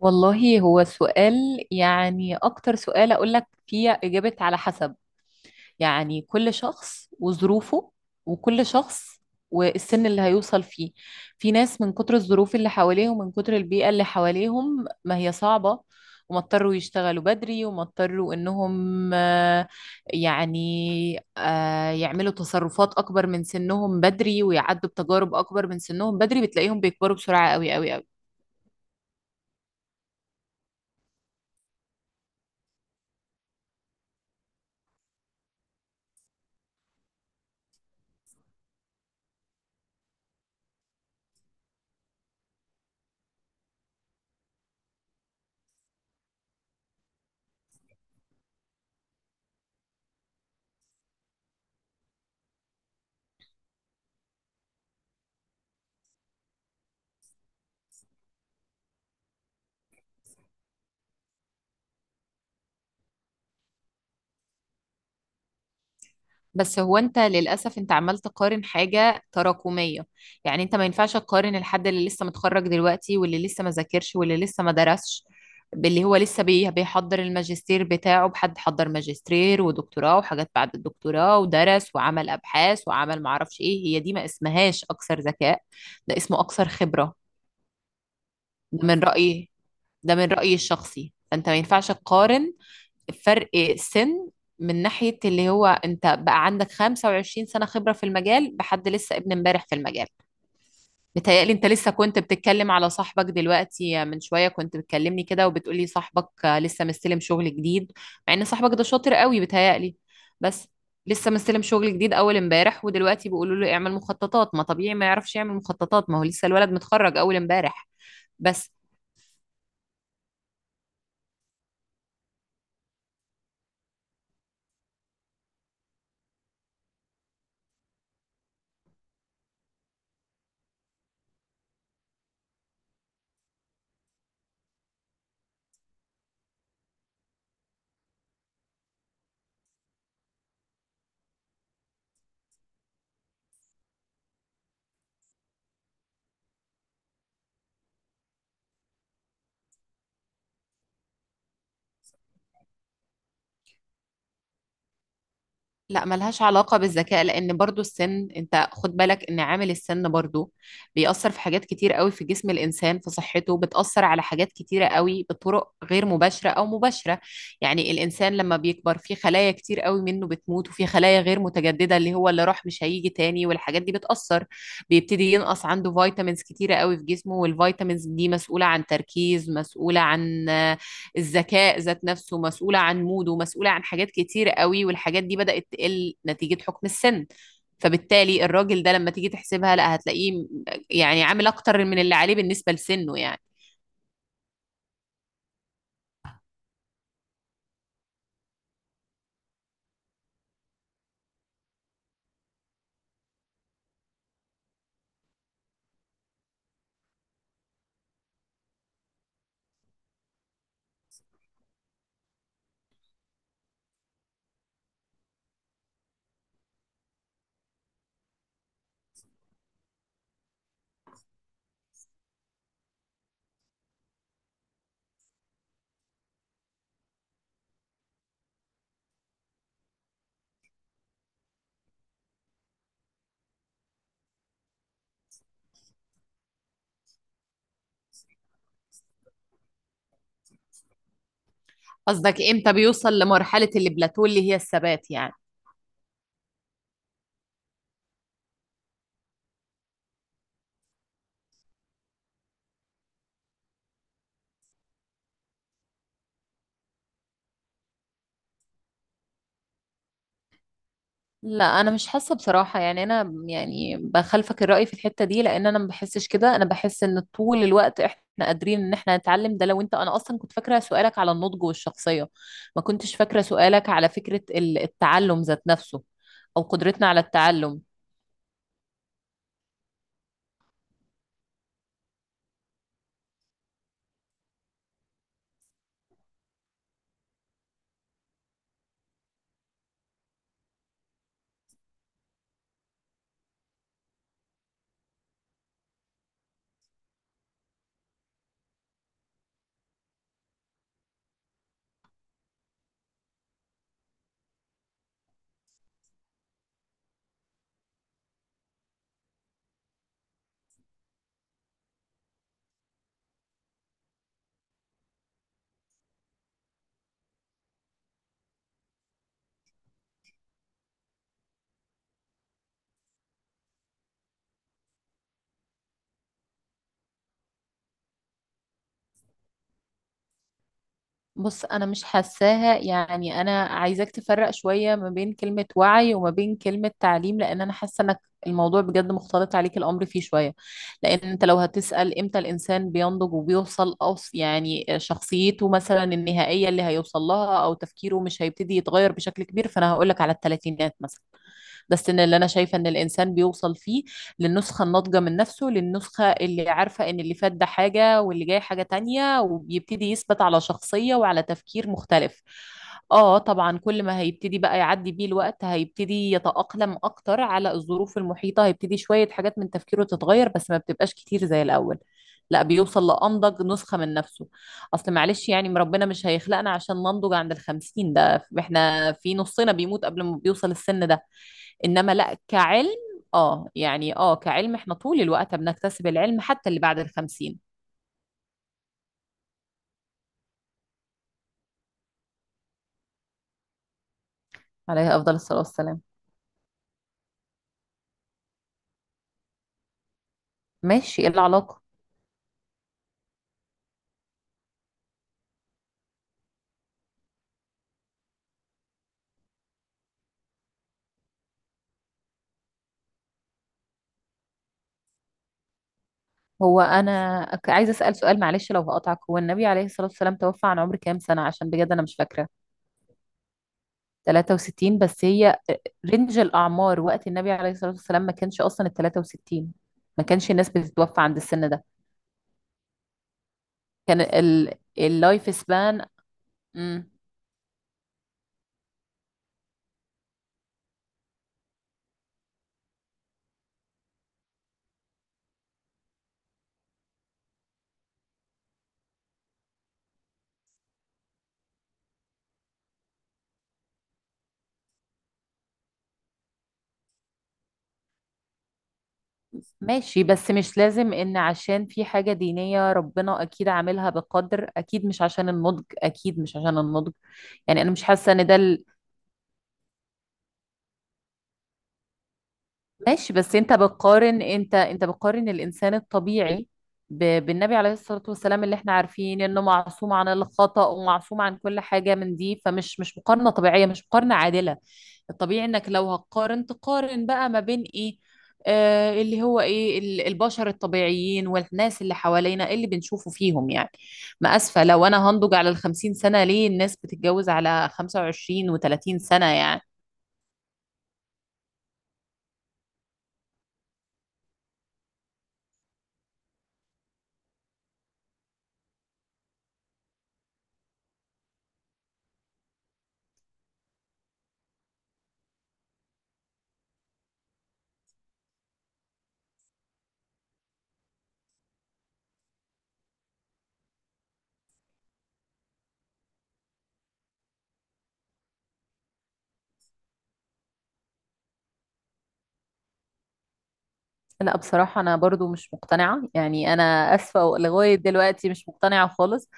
والله هو سؤال. يعني أكتر سؤال أقول لك فيه إجابة على حسب. يعني كل شخص وظروفه، وكل شخص والسن اللي هيوصل فيه. في ناس من كتر الظروف اللي حواليهم، من كتر البيئة اللي حواليهم، ما هي صعبة، وما اضطروا يشتغلوا بدري، وما اضطروا إنهم يعني يعملوا تصرفات أكبر من سنهم بدري، ويعدوا بتجارب أكبر من سنهم بدري. بتلاقيهم بيكبروا بسرعة قوي قوي قوي. بس هو انت للاسف، انت عمال تقارن حاجه تراكميه. يعني انت ما ينفعش تقارن الحد اللي لسه متخرج دلوقتي واللي لسه ما ذاكرش واللي لسه ما درسش، باللي هو لسه بيحضر الماجستير بتاعه، بحد حضر ماجستير ودكتوراه وحاجات بعد الدكتوراه، ودرس وعمل ابحاث وعمل معرفش ايه. هي دي ما اسمهاش اكثر ذكاء، ده اسمه اكثر خبره. ده من رايي، ده من رايي الشخصي. فانت ما ينفعش تقارن فرق سن، من ناحية اللي هو انت بقى عندك 25 سنة خبرة في المجال بحد لسه ابن امبارح في المجال. متهيألي انت لسه كنت بتتكلم على صاحبك دلوقتي، من شوية كنت بتكلمني كده وبتقولي صاحبك لسه مستلم شغل جديد، مع ان صاحبك ده شاطر قوي بتهيألي. بس لسه مستلم شغل جديد اول امبارح، ودلوقتي بيقولوا له اعمل مخططات. ما طبيعي ما يعرفش يعمل مخططات، ما هو لسه الولد متخرج اول امبارح. بس لا، ملهاش علاقة بالذكاء، لأن برضو السن، أنت خد بالك إن عامل السن برضو بيأثر في حاجات كتير قوي في جسم الإنسان، في صحته. بتأثر على حاجات كتيرة قوي بطرق غير مباشرة أو مباشرة. يعني الإنسان لما بيكبر، في خلايا كتير قوي منه بتموت، وفي خلايا غير متجددة، اللي هو اللي راح مش هيجي تاني، والحاجات دي بتأثر. بيبتدي ينقص عنده فيتامينز كتيرة قوي في جسمه، والفيتامينز دي مسؤولة عن تركيز، مسؤولة عن الذكاء ذات نفسه، مسؤولة عن موده، مسؤولة عن حاجات كتير قوي، والحاجات دي بدأت تقل نتيجة حكم السن. فبالتالي الراجل ده لما تيجي تحسبها، لا هتلاقيه يعني عامل أكتر من اللي عليه بالنسبة لسنه يعني. قصدك امتى بيوصل لمرحلة البلاتو اللي هي الثبات يعني. لا، انا مش حاسه بصراحه. يعني انا يعني بخالفك الراي في الحته دي، لان انا ما بحسش كده. انا بحس ان طول الوقت احنا قادرين ان احنا نتعلم. ده لو انت، انا اصلا كنت فاكره سؤالك على النضج والشخصيه، ما كنتش فاكره سؤالك على فكره التعلم ذات نفسه، او قدرتنا على التعلم. بص، انا مش حاساها. يعني انا عايزاك تفرق شوية ما بين كلمة وعي وما بين كلمة تعليم، لان انا حاسة انك الموضوع بجد مختلط عليك الامر فيه شوية. لان انت لو هتسأل امتى الانسان بينضج وبيوصل يعني شخصيته مثلا النهائية اللي هيوصل لها، او تفكيره مش هيبتدي يتغير بشكل كبير، فانا هقولك على الثلاثينات مثلا. ده السن اللي انا شايفه ان الانسان بيوصل فيه للنسخه الناضجه من نفسه، للنسخه اللي عارفه ان اللي فات ده حاجه واللي جاي حاجه تانية، وبيبتدي يثبت على شخصيه وعلى تفكير مختلف. اه طبعا، كل ما هيبتدي بقى يعدي بيه الوقت، هيبتدي يتأقلم اكتر على الظروف المحيطة، هيبتدي شوية حاجات من تفكيره تتغير، بس ما بتبقاش كتير زي الاول. لا، بيوصل لأنضج نسخة من نفسه. اصل معلش، يعني ربنا مش هيخلقنا عشان ننضج عند الخمسين، ده احنا في نصنا بيموت قبل ما بيوصل السن ده. انما لا، كعلم. اه يعني كعلم احنا طول الوقت بنكتسب العلم حتى اللي بعد الخمسين. عليه افضل الصلاة والسلام. ماشي، ايه العلاقة؟ هو انا عايزة اسأل سؤال، معلش لو هقطعك، هو النبي عليه الصلاة والسلام توفى عن عمر كام سنة؟ عشان بجد انا مش فاكرة. 63؟ بس هي رينج الاعمار وقت النبي عليه الصلاة والسلام ما كانش اصلا ال 63. ما كانش الناس بتتوفى عند السن ده. كان اللايف سبان. مم. ماشي، بس مش لازم ان عشان في حاجة دينية. ربنا اكيد عاملها بقدر، اكيد مش عشان النضج، اكيد مش عشان النضج. يعني انا مش حاسة ان ده ماشي. بس انت بتقارن، انت بتقارن الانسان الطبيعي بالنبي عليه الصلاة والسلام، اللي احنا عارفين انه معصوم عن الخطأ ومعصوم عن كل حاجة من دي. فمش مش مقارنة طبيعية، مش مقارنة عادلة. الطبيعي انك لو هتقارن، تقارن بقى ما بين ايه، اللي هو ايه البشر الطبيعيين والناس اللي حوالينا اللي بنشوفه فيهم يعني. ما اسفة، لو انا هنضج على الخمسين سنة، ليه الناس بتتجوز على خمسة وعشرين وتلاتين سنة يعني. لا بصراحة، أنا برضو مش مقتنعة. يعني أنا آسفة لغاية دلوقتي مش مقتنعة خالص.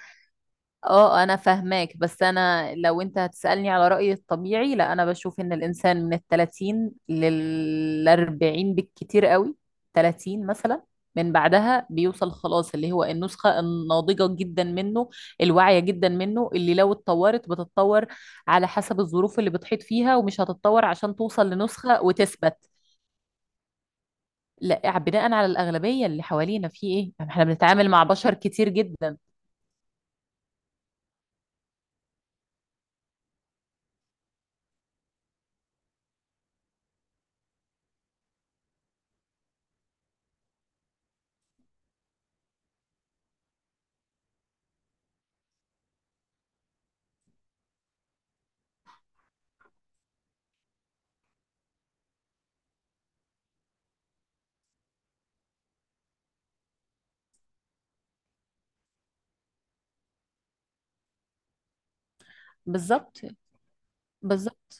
اه أنا فاهماك، بس أنا لو أنت هتسألني على رأيي الطبيعي، لا، أنا بشوف إن الإنسان من التلاتين للأربعين بالكتير قوي. تلاتين مثلا، من بعدها بيوصل خلاص اللي هو النسخة الناضجة جدا منه، الواعية جدا منه، اللي لو اتطورت بتتطور على حسب الظروف اللي بتحيط فيها، ومش هتتطور عشان توصل لنسخة وتثبت. لا، بناء على الأغلبية اللي حوالينا في ايه يعني، احنا بنتعامل مع بشر كتير جدا. بالظبط. بالظبط.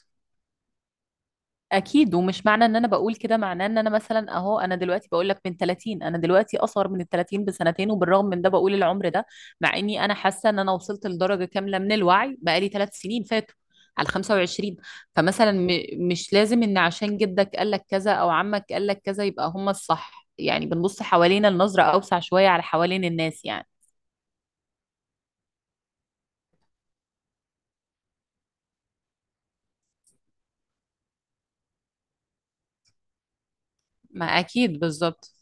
اكيد، ومش معنى ان انا بقول كده معناه ان انا مثلا اهو. انا دلوقتي بقول لك من 30، انا دلوقتي اصغر من ال 30 بسنتين، وبالرغم من ده بقول العمر ده. مع اني انا حاسة ان انا وصلت لدرجة كاملة من الوعي بقالي 3 سنين فاتوا، على 25. فمثلا مش لازم ان عشان جدك قال لك كذا او عمك قال لك كذا يبقى هم الصح. يعني بنبص حوالينا النظرة اوسع شوية على حوالين الناس يعني. ما اكيد، بالظبط.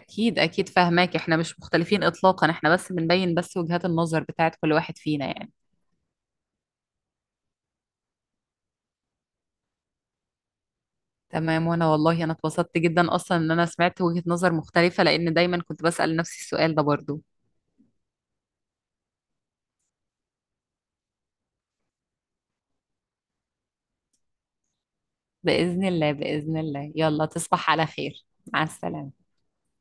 اكيد اكيد فاهماك، احنا مش مختلفين اطلاقا، احنا بس بنبين بس وجهات النظر بتاعت كل واحد فينا يعني. تمام، وانا والله انا اتبسطت جدا اصلا ان انا سمعت وجهة نظر مختلفة، لان دايما كنت بسأل نفسي السؤال ده برضو. بإذن الله، بإذن الله. يلا تصبح على خير. مع السلامة.